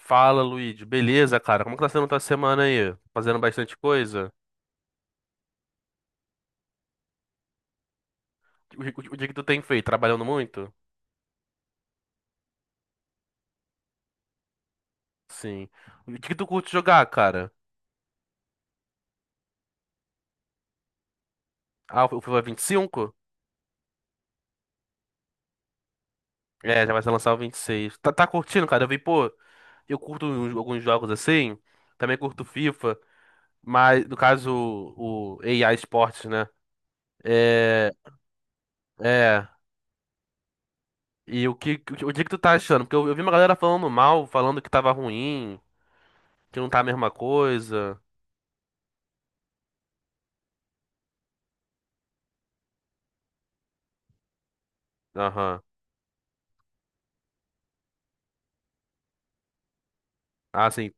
Fala, Luigi. Beleza, cara? Como que tá sendo tua semana aí? Fazendo bastante coisa? O dia que tu tem feito? Trabalhando muito? Sim. O dia que tu curte jogar, cara? Ah, o FIFA vinte e cinco. É, já vai ser lançar o 26. Tá, tá curtindo, cara? Eu vi, pô, eu alguns jogos assim. Também curto FIFA. Mas, no caso, o AI Sports, né? É. É. E o que, o dia que tu tá achando? Porque eu vi uma galera falando mal, falando que tava ruim, que não tá a mesma coisa. Aham. Ah, sim.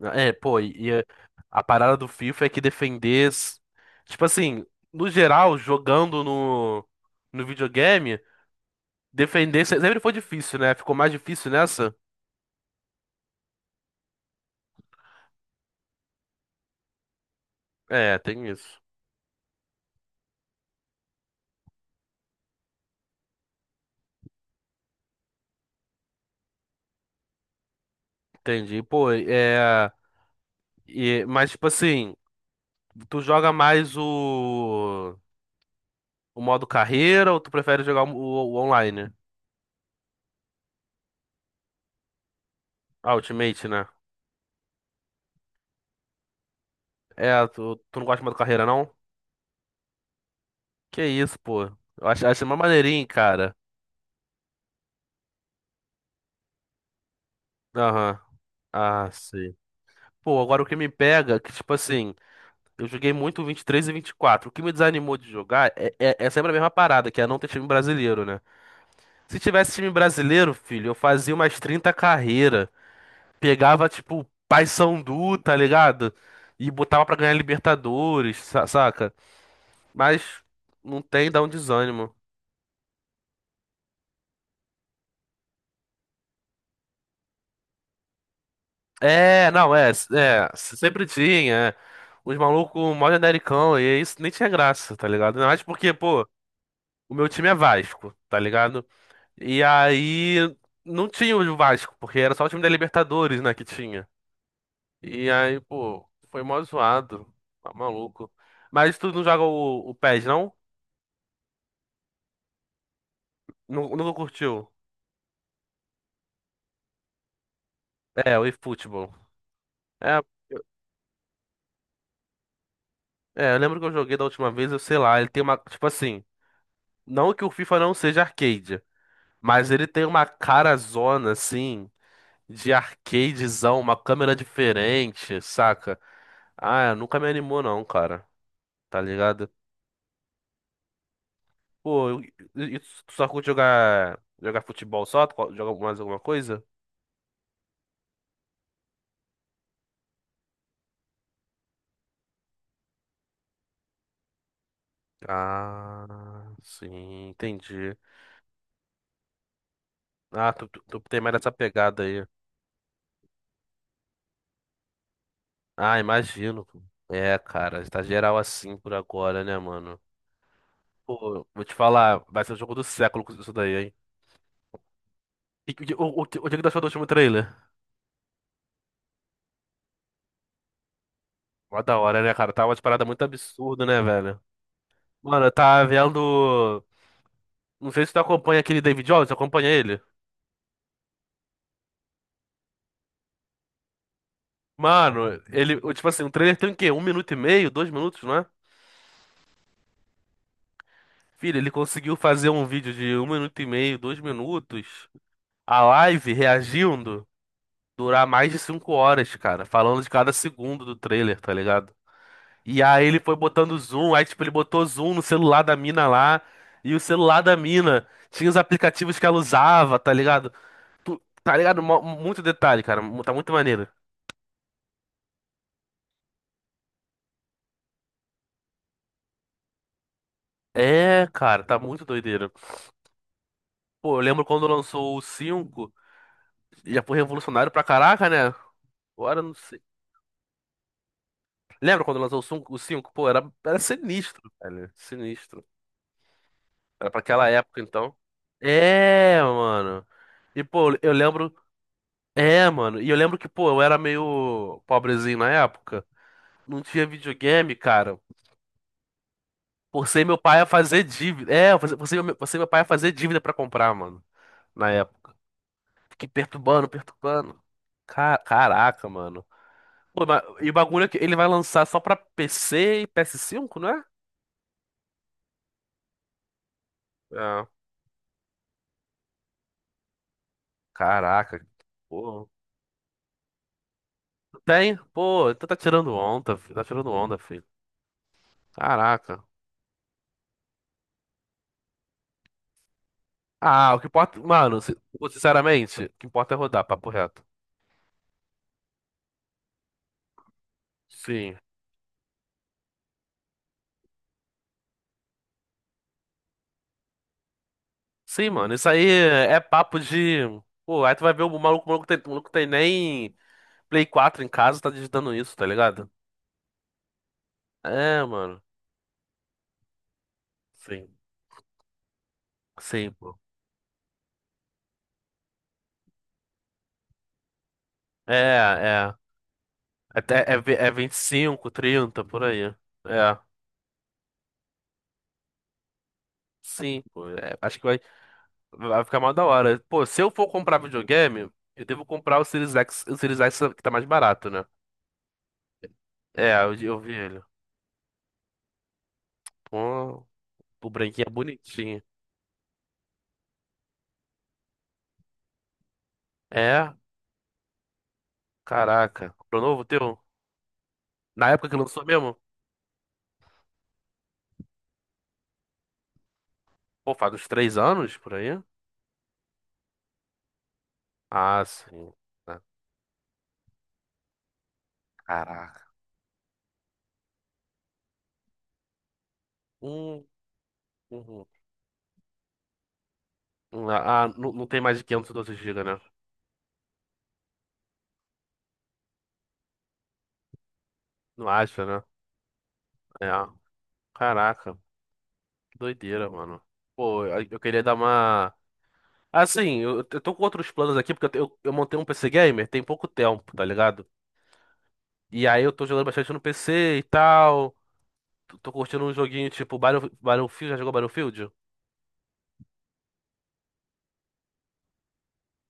É, pô, a parada do FIFA é que defender. Tipo assim, no geral, jogando no videogame, defender se- sempre foi difícil, né? Ficou mais difícil nessa? É, tem isso. Entendi. Pô, é. E, mas, tipo assim, tu joga mais o modo carreira ou tu prefere jogar o online? Ah, Ultimate, né? É, tu não gosta do modo carreira, não? Que isso, pô. Eu acho mó maneirinho, cara. Aham. Ah, sim. Pô, agora o que me pega, é que tipo assim, eu joguei muito o 23 e 24. O que me desanimou de jogar é sempre a mesma parada, que é não ter time brasileiro, né? Se tivesse time brasileiro, filho, eu fazia umas 30 carreiras. Pegava, tipo, Paysandu, tá ligado? E botava pra ganhar Libertadores, saca? Mas não tem, dá um desânimo. É, não, é, é, sempre tinha. É. Os malucos mó genericão, e isso nem tinha graça, tá ligado? Ainda mais porque, pô, o meu time é Vasco, tá ligado? E aí não tinha o Vasco, porque era só o time da Libertadores, né, que tinha. E aí, pô, foi mó zoado. Tá maluco. Mas tu não joga o PES, não? Nunca curtiu? É, o eFootball. É, eu- é, eu lembro que eu joguei da última vez, eu sei lá, ele tem uma, tipo assim, não que o FIFA não seja arcade, mas ele tem uma cara zona, assim, de arcadezão, uma câmera diferente, saca? Ah, nunca me animou não, cara, tá ligado? Pô, e tu só curte jogar futebol só? Joga mais alguma coisa? Ah, sim, entendi. Ah, tu tem mais essa pegada aí. Ah, imagino. Pô. É, cara, tá geral assim por agora, né, mano? Pô, vou te falar, vai ser o jogo do século com isso daí, hein? E o que tu achou do último trailer? Mó da hora, né, cara? Tava uma parada muito absurda, né, velho? Mano, eu tava vendo. Não sei se tu acompanha aquele David Jones, acompanha ele? Mano, tipo assim, um trailer tem o quê? Um minuto e meio, dois minutos, não é? Filho, ele conseguiu fazer um vídeo de um minuto e meio, dois minutos, a live reagindo, durar mais de cinco horas, cara, falando de cada segundo do trailer, tá ligado? E aí ele foi botando zoom, aí tipo, ele botou zoom no celular da mina lá, e o celular da mina tinha os aplicativos que ela usava, tá ligado? Tá ligado? Muito detalhe, cara, tá muito maneiro. É, cara, tá muito doideira. Pô, eu lembro quando lançou o cinco. Já foi revolucionário pra caraca, né? Agora eu não sei. Lembra quando lançou o 5? O cinco? Pô, era sinistro, velho. Sinistro. Era pra aquela época, então. É, mano. E, pô, eu lembro. É, mano. E eu lembro que, pô, eu era meio pobrezinho na época. Não tinha videogame, cara. Forcei meu pai a fazer dívida. É, eu forcei meu pai a fazer dívida pra comprar, mano. Na época. Fiquei perturbando. Caraca, mano. Pô, e o bagulho é que ele vai lançar só pra PC e PS5, não é? Ah, caraca. Pô, tem? Pô, então tá tirando onda, filho. Tá tirando onda, filho. Caraca. Ah, o que importa. Mano, pô, sinceramente, o que importa é rodar, papo reto. Sim. Sim, mano, isso aí é papo de. Pô, aí tu vai ver o maluco, o maluco tem nem Play 4 em casa, tá digitando isso, tá ligado? É, mano. Sim. Sim, pô. É, é. Até é, é 25 30 por aí. É. Sim, pô, é, acho que vai ficar mal da hora. Pô, se eu for comprar videogame, eu devo comprar o Series X que tá mais barato, né? É, eu vi ele. Pô, o branquinho é bonitinho. É, caraca. Comprou novo teu? Na época que lançou mesmo? Pô, faz uns três anos por aí? Ah, sim. Ah, caraca. Hum, uhum. Ah, não, não tem mais de 512 gigas, né? Não acha, né? É. Caraca. Doideira, mano. Pô, eu queria dar uma. Assim, eu tô com outros planos aqui, porque eu, eu montei um PC Gamer tem pouco tempo, tá ligado? E aí eu tô jogando bastante no PC e tal. Tô curtindo um joguinho tipo Battlefield. Já jogou Battlefield?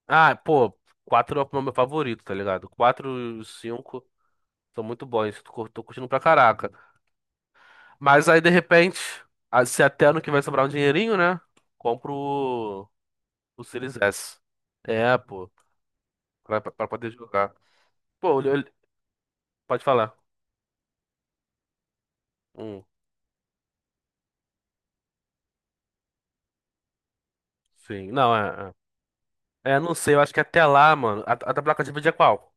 Ah, pô, 4 é o meu favorito, tá ligado? Quatro e 5 são muito bons. Tô curtindo pra caraca. Mas aí, de repente, se até ano que vai sobrar um dinheirinho, né? Compro o, o Series S. É, pô, pra poder jogar. Pô, eu, pode falar. Hum, sim. Não, é. É, não sei, eu acho que até lá, mano. A da placa de vídeo é qual?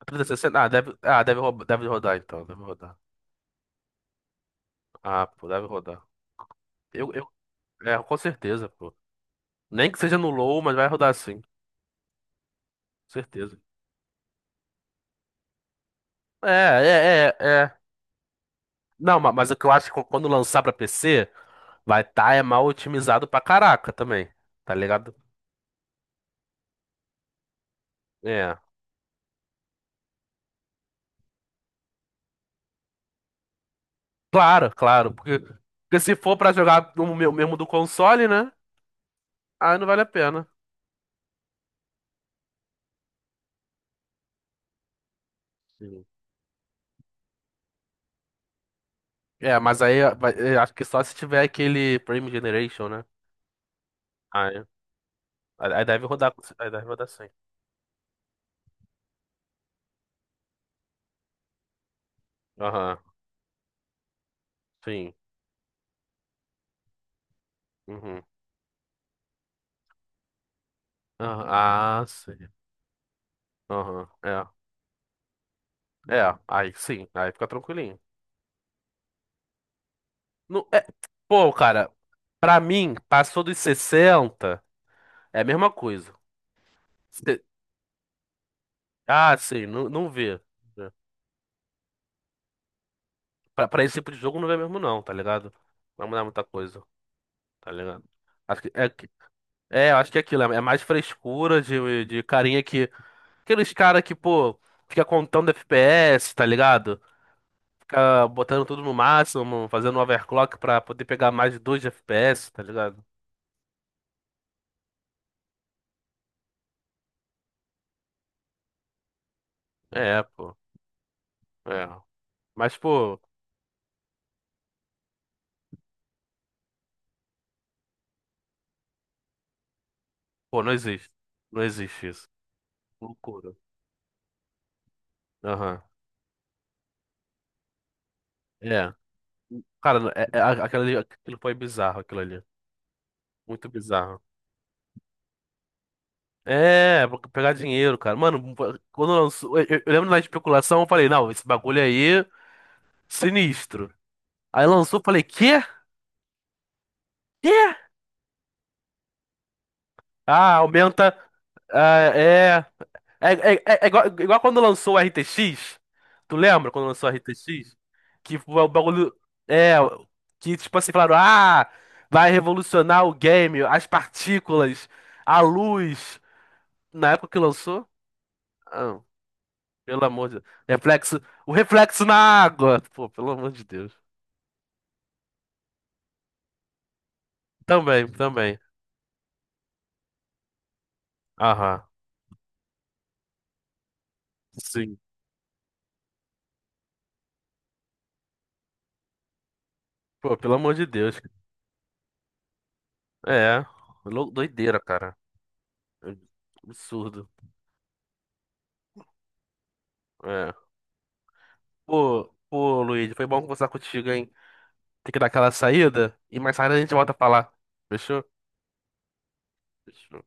A 3060? Ah, deve, deve rodar então, deve rodar. Ah, pô, deve rodar. Eu, eu, é, com certeza, pô. Nem que seja no low, mas vai rodar sim, com certeza. É. Não, mas, o que eu acho que quando lançar pra PC, vai estar é mal otimizado pra caraca também, tá ligado? É. Claro, claro, porque se for pra jogar no meu mesmo do console, né? Aí não vale a pena. É, eu acho que só se tiver aquele Frame Generation, né? Ah, é. Aí deve rodar, aí deve rodar sim. Aham, sim. Uhum. Aham, ah, sim. Aham, é. É, aí sim, aí fica tranquilinho. Não, é, pô, cara, pra mim, passou dos 60, é a mesma coisa. Se- ah, sim, não, não vê. Pra, pra esse tipo de jogo não vê mesmo não, tá ligado? Não vai mudar muita coisa, tá ligado? Acho que- é, eu acho que é aquilo, é mais frescura de carinha que aqueles cara que, pô, fica contando FPS, tá ligado? Fica botando tudo no máximo, fazendo overclock pra poder pegar mais de 2 FPS, tá ligado? É, pô. É. Mas, pô, pô, não existe. Não existe isso. Loucura. Aham. É. Cara, aquilo foi bizarro, aquilo ali. Muito bizarro. É, pra pegar dinheiro, cara. Mano, quando lançou. Eu lembro na especulação, eu falei, não, esse bagulho aí, sinistro. Aí lançou, eu falei, quê? Quê? Ah, aumenta. Ah, é. É igual, igual quando lançou o RTX. Tu lembra quando lançou o RTX? Que o bagulho. É. Que tipo assim, falaram: Ah, vai revolucionar o game, as partículas, a luz. Na época que lançou. Ah, pelo amor de Deus. Reflexo. O reflexo na água. Pô, pelo amor de Deus. Também, também. Aham. Sim. Pô, pelo amor de Deus. É. Doideira, cara. É. Absurdo. É. Pô, pô, Luiz, foi bom conversar contigo, hein? Tem que dar aquela saída e mais tarde a gente volta a falar. Fechou? Fechou.